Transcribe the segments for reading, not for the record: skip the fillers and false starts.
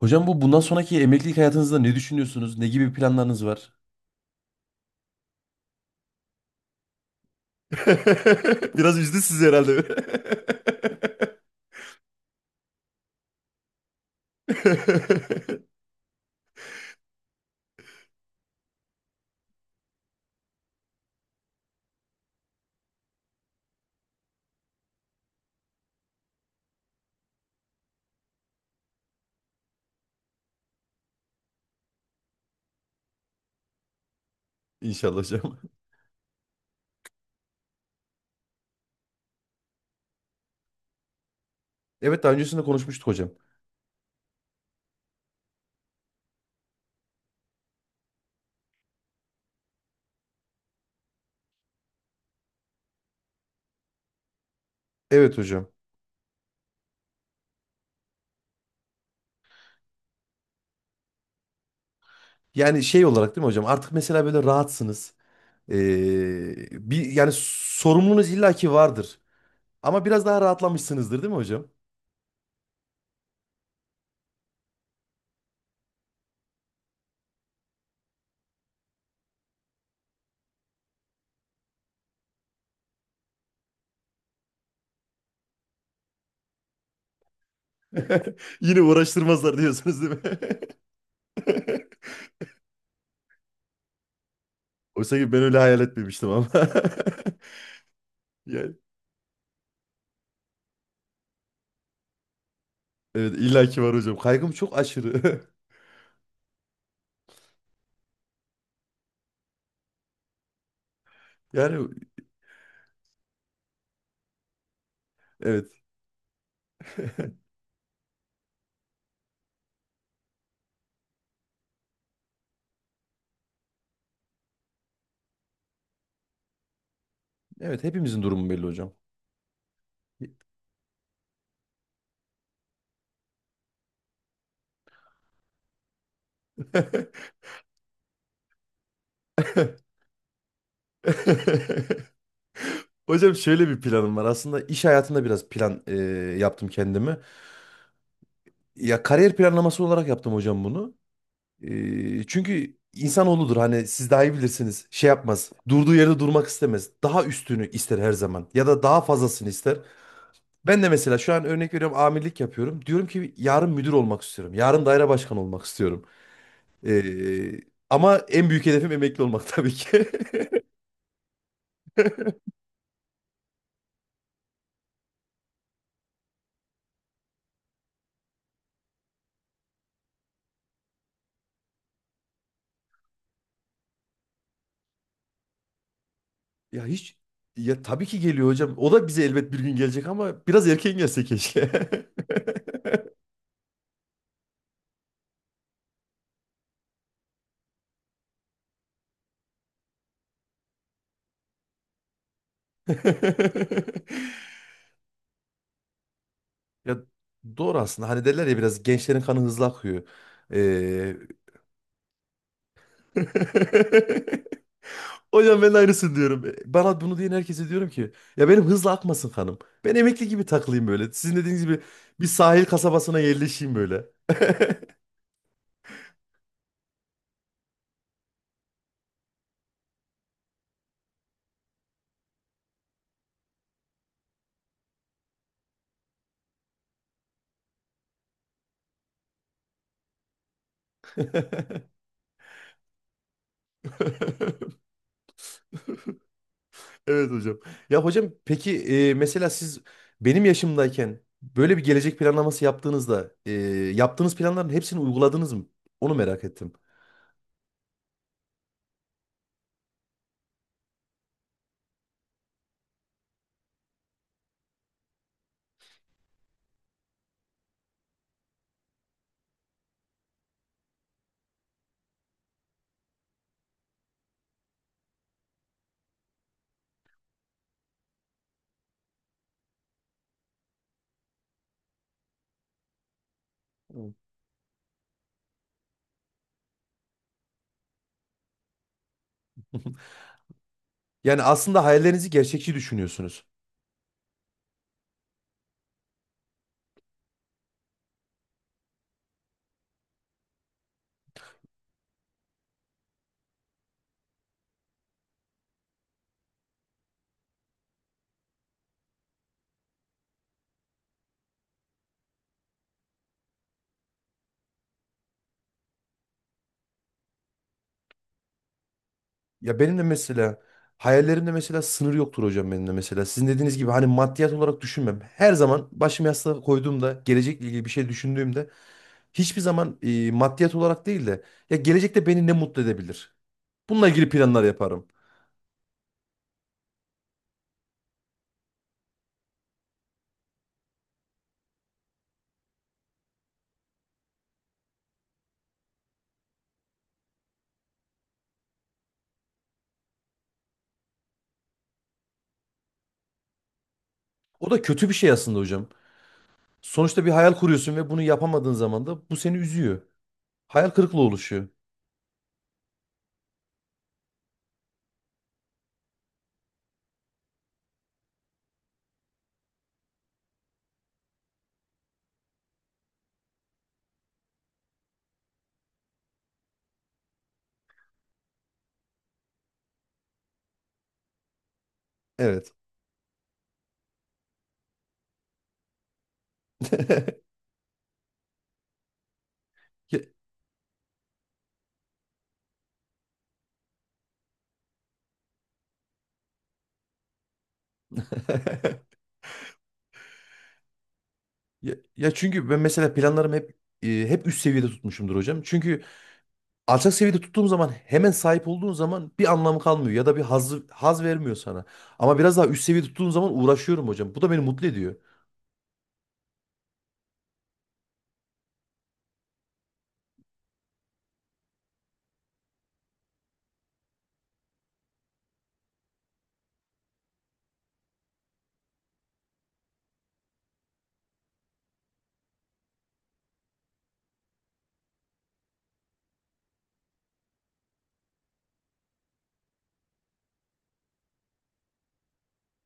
Hocam bu bundan sonraki emeklilik hayatınızda ne düşünüyorsunuz? Ne gibi planlarınız var? Biraz üzdü sizi herhalde. İnşallah hocam. Evet daha öncesinde konuşmuştuk hocam. Evet hocam. Yani şey olarak değil mi hocam? Artık mesela böyle rahatsınız. Bir yani sorumluluğunuz illaki vardır. Ama biraz daha rahatlamışsınızdır değil mi hocam? Yine uğraştırmazlar diyorsunuz değil mi? Oysa ki ben öyle hayal etmemiştim ama. Yani, evet illaki var hocam. Kaygım çok aşırı. Yani evet. Evet hepimizin durumu belli hocam. Hocam şöyle bir planım var. Aslında iş hayatında biraz plan yaptım kendimi. Ya kariyer planlaması olarak yaptım hocam bunu. Çünkü insanoğludur hani siz daha iyi bilirsiniz. Şey yapmaz. Durduğu yerde durmak istemez. Daha üstünü ister her zaman. Ya da daha fazlasını ister. Ben de mesela şu an örnek veriyorum amirlik yapıyorum. Diyorum ki yarın müdür olmak istiyorum. Yarın daire başkanı olmak istiyorum. E, Ama en büyük hedefim emekli olmak tabii ki. Ya hiç Ya tabii ki geliyor hocam. O da bize elbet bir gün gelecek ama biraz erken gelse keşke. Ya doğru aslında. Hani derler ya biraz gençlerin kanı hızlı akıyor. Ee... Hocam ben de aynısını diyorum. Bana bunu diyen herkese diyorum ki ya benim hızlı akmasın kanım. Ben emekli gibi takılayım böyle. Sizin dediğiniz gibi bir sahil kasabasına yerleşeyim böyle. Evet hocam. Ya hocam peki mesela siz benim yaşımdayken böyle bir gelecek planlaması yaptığınızda yaptığınız planların hepsini uyguladınız mı? Onu merak ettim. Evet. Yani aslında hayallerinizi gerçekçi düşünüyorsunuz. Ya benim de mesela hayallerimde mesela sınır yoktur hocam benim de mesela. Sizin dediğiniz gibi hani maddiyat olarak düşünmem. Her zaman başımı yastığa koyduğumda gelecekle ilgili bir şey düşündüğümde hiçbir zaman maddiyat olarak değil de ya gelecekte beni ne mutlu edebilir? Bununla ilgili planlar yaparım. O da kötü bir şey aslında hocam. Sonuçta bir hayal kuruyorsun ve bunu yapamadığın zaman da bu seni üzüyor. Hayal kırıklığı oluşuyor. Evet. Ya, ya, ya çünkü ben mesela planlarımı hep hep üst seviyede tutmuşumdur hocam. Çünkü alçak seviyede tuttuğum zaman hemen sahip olduğun zaman bir anlamı kalmıyor ya da bir haz vermiyor sana. Ama biraz daha üst seviyede tuttuğum zaman uğraşıyorum hocam. Bu da beni mutlu ediyor.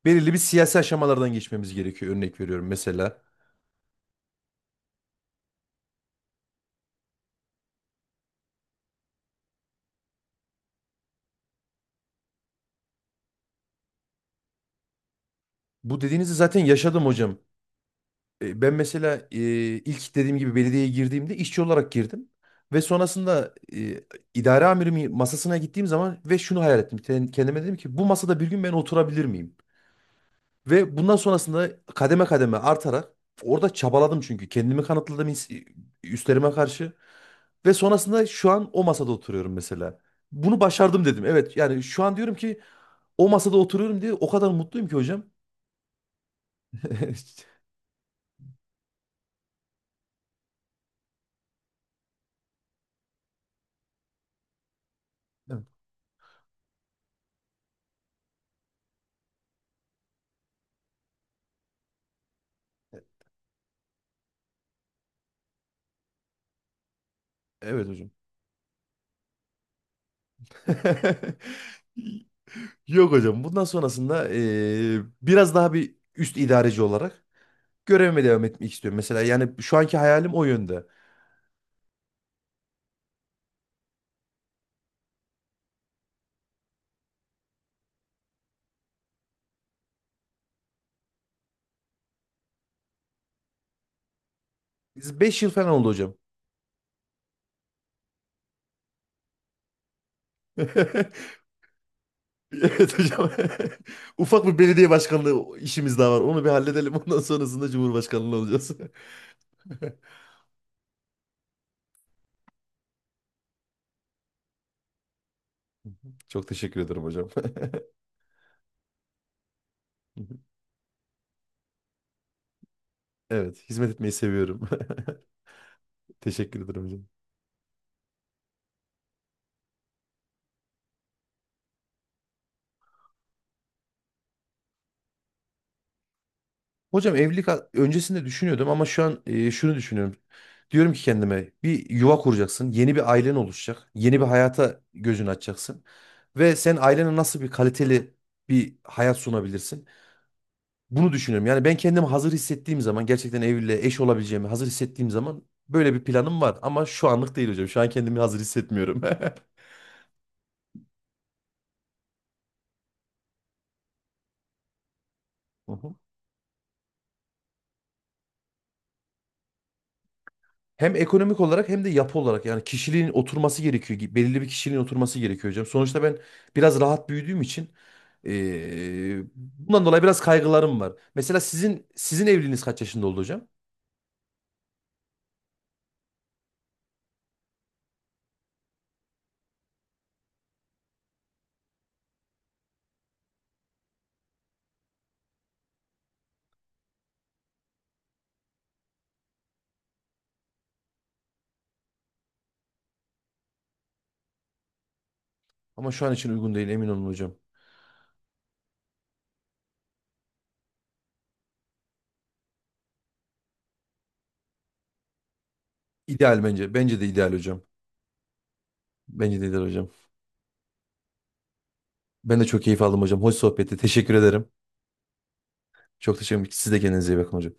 Belirli bir siyasi aşamalardan geçmemiz gerekiyor örnek veriyorum mesela. Bu dediğinizi zaten yaşadım hocam. Ben mesela ilk dediğim gibi belediyeye girdiğimde işçi olarak girdim. Ve sonrasında idare amirimin masasına gittiğim zaman ve şunu hayal ettim. Kendime dedim ki bu masada bir gün ben oturabilir miyim? Ve bundan sonrasında kademe kademe artarak orada çabaladım çünkü. Kendimi kanıtladım üstlerime karşı. Ve sonrasında şu an o masada oturuyorum mesela. Bunu başardım dedim. Evet yani şu an diyorum ki o masada oturuyorum diye o kadar mutluyum ki hocam. Evet hocam. Yok hocam. Bundan sonrasında biraz daha bir üst idareci olarak görevime devam etmek istiyorum. Mesela yani şu anki hayalim o yönde. 5 yıl falan oldu hocam. Evet hocam. Ufak bir belediye başkanlığı işimiz daha var. Onu bir halledelim. Ondan sonrasında Cumhurbaşkanlığı olacağız. Çok teşekkür ederim hocam. Evet, hizmet etmeyi seviyorum. Teşekkür ederim hocam. Hocam evlilik öncesinde düşünüyordum ama şu an şunu düşünüyorum. Diyorum ki kendime bir yuva kuracaksın, yeni bir ailen oluşacak, yeni bir hayata gözünü açacaksın ve sen ailene nasıl bir kaliteli bir hayat sunabilirsin? Bunu düşünüyorum. Yani ben kendimi hazır hissettiğim zaman gerçekten evliliğe eş olabileceğimi hazır hissettiğim zaman böyle bir planım var ama şu anlık değil hocam. Şu an kendimi hazır hissetmiyorum. Hem ekonomik olarak hem de yapı olarak yani kişiliğin oturması gerekiyor. Belirli bir kişiliğin oturması gerekiyor hocam. Sonuçta ben biraz rahat büyüdüğüm için bundan dolayı biraz kaygılarım var. Mesela sizin evliliğiniz kaç yaşında oldu hocam? Ama şu an için uygun değil emin olun hocam. İdeal bence. Bence de ideal hocam. Bence de ideal hocam. Ben de çok keyif aldım hocam. Hoş sohbetti. Teşekkür ederim. Çok teşekkür ederim. Siz de kendinize iyi bakın hocam.